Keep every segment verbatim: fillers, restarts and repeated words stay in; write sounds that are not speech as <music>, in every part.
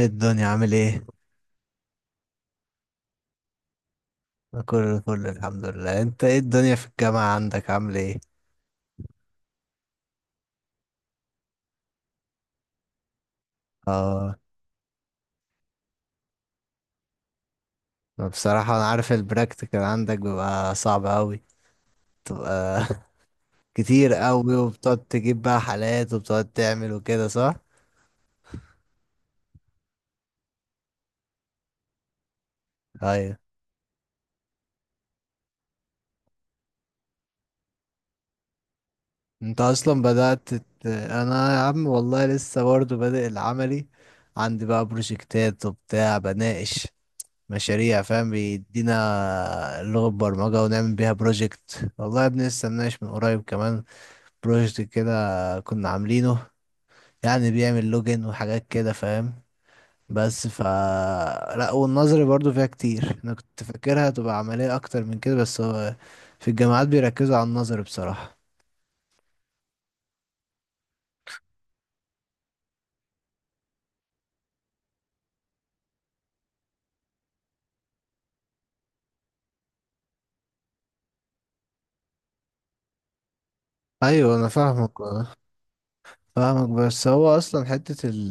إيه الدنيا عامل ايه؟ أنا كله فل، الحمد لله. انت ايه الدنيا في الجامعة عندك عامل ايه؟ اه. أنا بصراحة انا عارف البراكتيكال عندك بيبقى صعب اوي، تبقى <laughs> كتير اوي، وبتقعد تجيب بقى حالات وبتقعد تعمل وكده، صح؟ ايوه. انت اصلا بدأت ت- انا يا عم والله لسه برضه بادئ العملي. عندي بقى بروجكتات وبتاع، بناقش مشاريع، فاهم؟ بيدينا لغة برمجة ونعمل بيها بروجكت، والله يا ابني لسه مناقش من قريب كمان بروجكت كده كنا عاملينه، يعني بيعمل لوجن وحاجات كده، فاهم؟ بس ف لا، والنظري برضو فيها كتير. انا كنت فاكرها تبقى عملية اكتر من كده، بس هو في الجامعات بيركزوا على النظر بصراحة. ايوه، انا فاهمك، آه، فاهمك. بس هو اصلا حتة ال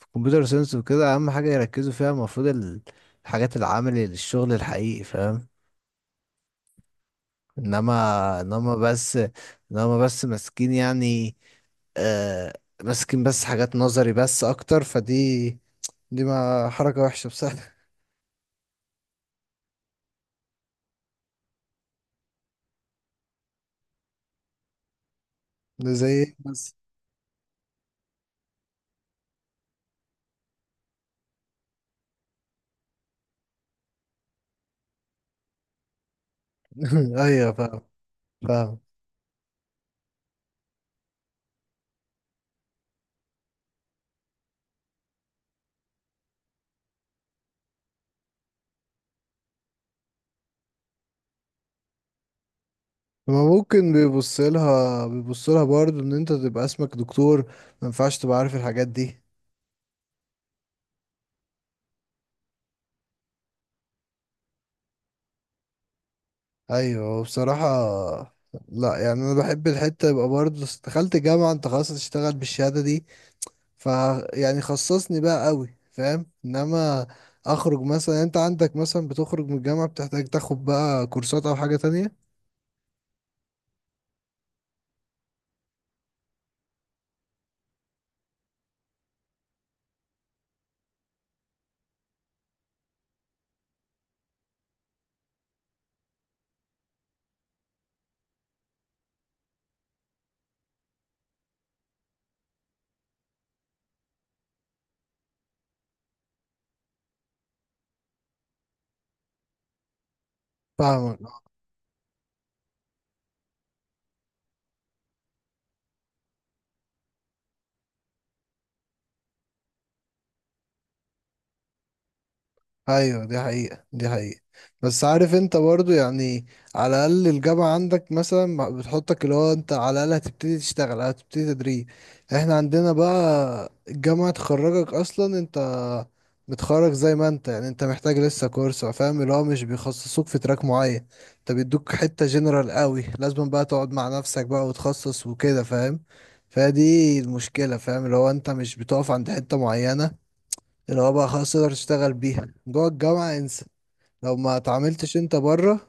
في الكمبيوتر ساينس وكده اهم حاجة يركزوا فيها المفروض ال- الحاجات العملي للشغل الحقيقي، فاهم؟ انما انما بس انما بس ماسكين يعني آه ماسكين بس حاجات نظري بس اكتر، فدي دي ما حركة وحشة بصراحة. <laughs> ده زي إيه بس؟ <laughs> ايوه فاهم. فاهم. ما ممكن، بيبص لها بيبص لها برضه ان انت تبقى اسمك دكتور، ما ينفعش تبقى عارف الحاجات دي. ايوه بصراحة. لا يعني انا بحب الحتة يبقى برضه، دخلت جامعة انت خلاص هتشتغل بالشهادة دي، فيعني خصصني بقى قوي فاهم، انما اخرج مثلا، يعني انت عندك مثلا بتخرج من الجامعة بتحتاج تاخد بقى كورسات او حاجة تانية. فاهمك. ايوه، دي حقيقة دي حقيقة. بس عارف انت برضو، يعني على الاقل الجامعة عندك مثلا ما- بتحطك، اللي هو انت على الاقل هتبتدي تشتغل، هتبتدي تدريب. احنا عندنا بقى الجامعة تخرجك اصلا، انت متخرج زي ما انت، يعني انت محتاج لسه كورس، فاهم؟ اللي هو مش بيخصصوك في تراك معين، انت بيدوك حتة جنرال قوي، لازم بقى تقعد مع نفسك بقى وتخصص وكده، فاهم؟ فدي المشكلة، فاهم؟ اللي هو انت مش بتقف عند حتة معينة، اللي هو بقى خلاص تقدر تشتغل بيها جوه الجامعة انسى، لو ما اتعاملتش انت بره،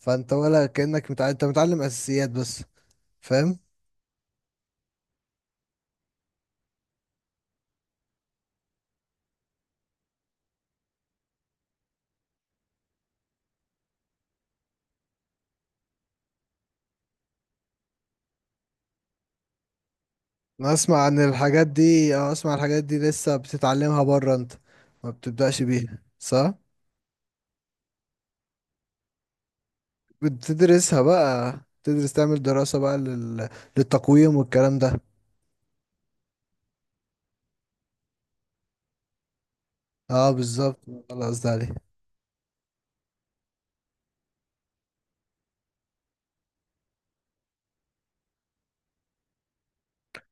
فانت ولا كأنك متعلم، انت متعلم اساسيات بس، فاهم؟ انا اسمع عن الحاجات دي، اه، اسمع الحاجات دي لسه بتتعلمها بره انت، ما بتبدأش بيها، صح؟ بتدرسها بقى، تدرس تعمل دراسة بقى لل... للتقويم والكلام ده. اه بالظبط. خلاص، ده عليه.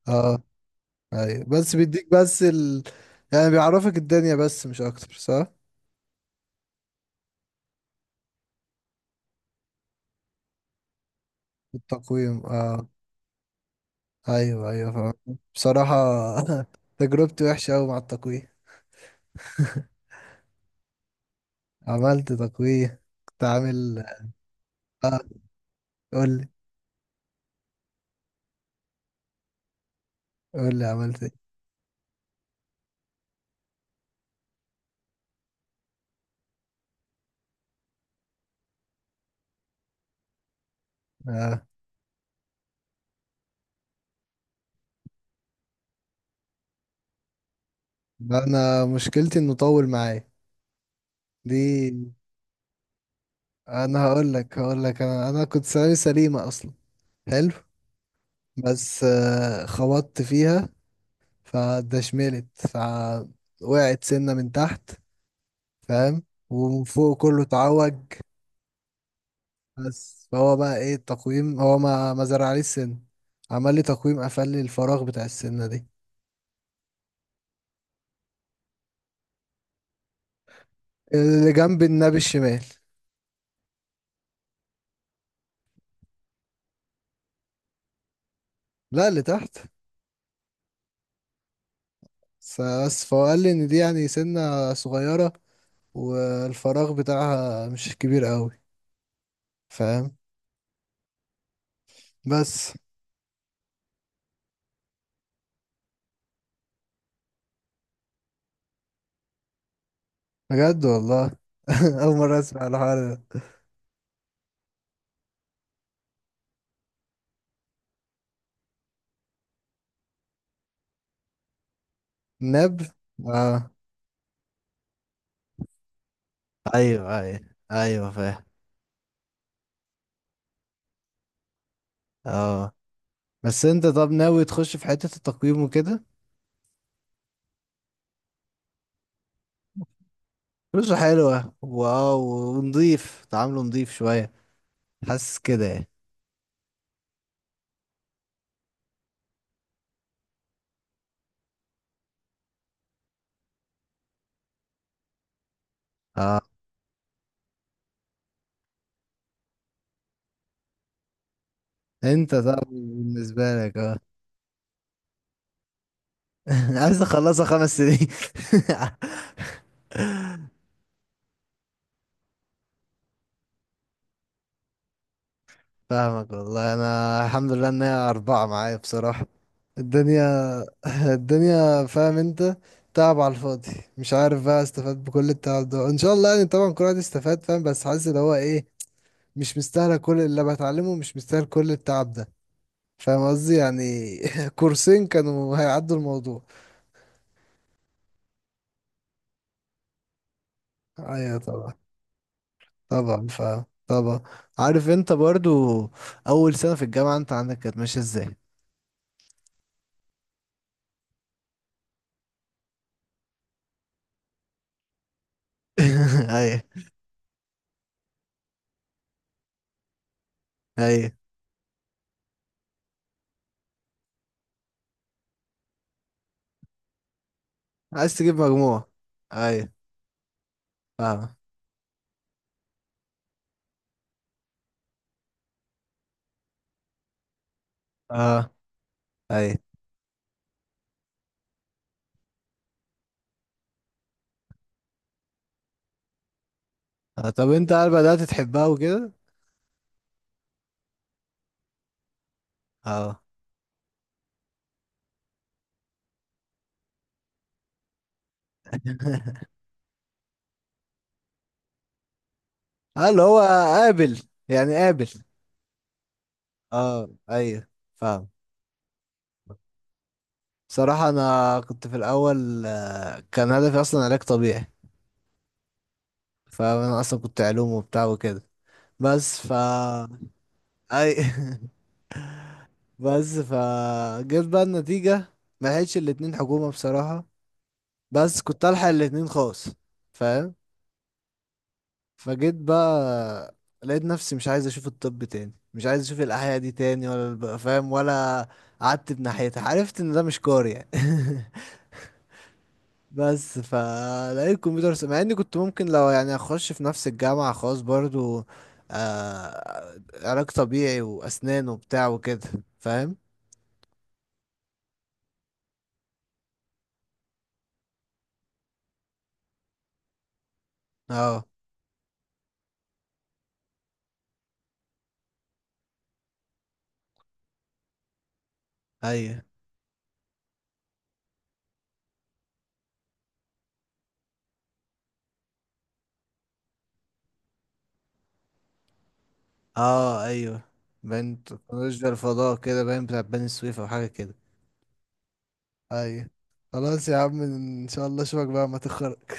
اه ايوه، بس بيديك بس ال... يعني بيعرفك الدنيا بس مش اكتر، صح؟ التقويم، اه. ايوه ايوه فاهم بصراحة. <laughs> تجربتي وحشة اوي مع التقوية. عملت تقوية كنت عامل. اه، قولي. قولي عملت ايه. اه، ده انا مشكلتي انه طول معايا دي. انا هقول لك هقول لك، انا انا كنت ثانوي سليمة اصلا. حلو. بس آه خبطت فيها، فدشملت، فوقعت سنة من تحت، فاهم؟ ومن فوق كله اتعوج. بس فهو بقى ايه التقويم؟ هو ما ما زرعليش سن، عمل لي تقويم قفل لي الفراغ بتاع السنة دي. اللي جنب النبي الشمال. لا، اللي تحت. س- بس فهو قال لي ان دي يعني سنة صغيرة والفراغ بتاعها مش كبير قوي، فاهم؟ بس. بجد والله؟ <laughs> اول مرة اسمع الحوار ده. نب. اه ايوه ايوه. ايوه فاهم. اه، بس انت طب ناوي تخش في حتة التقويم وكده؟ فلوسه حلوة، واو، ونضيف، تعامله نضيف شوية، حاسس كده يعني. اه، انت طب بالنسبة لك، اه. <laughs> عايز اخلصها خمس سنين <laughs> فاهمك والله. انا الحمد لله ان هي اربعة معايا بصراحة، الدنيا، الدنيا فاهم انت، تعب على الفاضي، مش عارف بقى استفاد بكل التعب ده، ان شاء الله يعني، طبعا كل واحد استفاد فاهم، بس حاسس اللي هو ايه، مش مستاهله كل اللي بتعلمه، مش مستاهل كل التعب ده، فاهم قصدي يعني؟ <laughs> كورسين كانوا هيعدوا الموضوع. ايوه طبعا. طبعا فاهم طبعا. عارف انت برضو، اول سنة في الجامعة انت عندك كانت ماشية ازاي؟ <laughs> ايوه ايوه. عايز تجيب مجموع. ايوه. فاهم. اه ايوه. آه، طب انت هل بدأت تحبها وكده؟ اه. <laughs> آه، اللي هو قابل. يعني قابل. اه ايوه فاهم. صراحة انا كنت في الاول، آه، كان هدفي اصلا علاج طبيعي. فانا اصلا كنت علوم وبتاع وكده، بس ف اي <laughs> بس ف جت بقى النتيجة، ما لحقتش الاتنين حكومة بصراحة، بس كنت الحق الاتنين خاص، فاهم؟ فجيت بقى، لقيت نفسي مش عايز اشوف الطب تاني، مش عايز اشوف الاحياء دي تاني، ولا الب- فاهم، ولا قعدت بناحيتها، عرفت ان ده مش كار يعني <laughs> بس فلقيت كمبيوتر س- مع اني كنت ممكن لو يعني اخش في نفس الجامعة خاص برضو، آه... علاج طبيعي واسنان وبتاع وكده، فاهم؟ اه ايوه. اه ايوه. باين تكنولوجيا الفضاء كده، باين بتاع بني سويف او حاجه كده. ايوه. خلاص يا عم، ان شاء الله اشوفك بقى ما تخرج.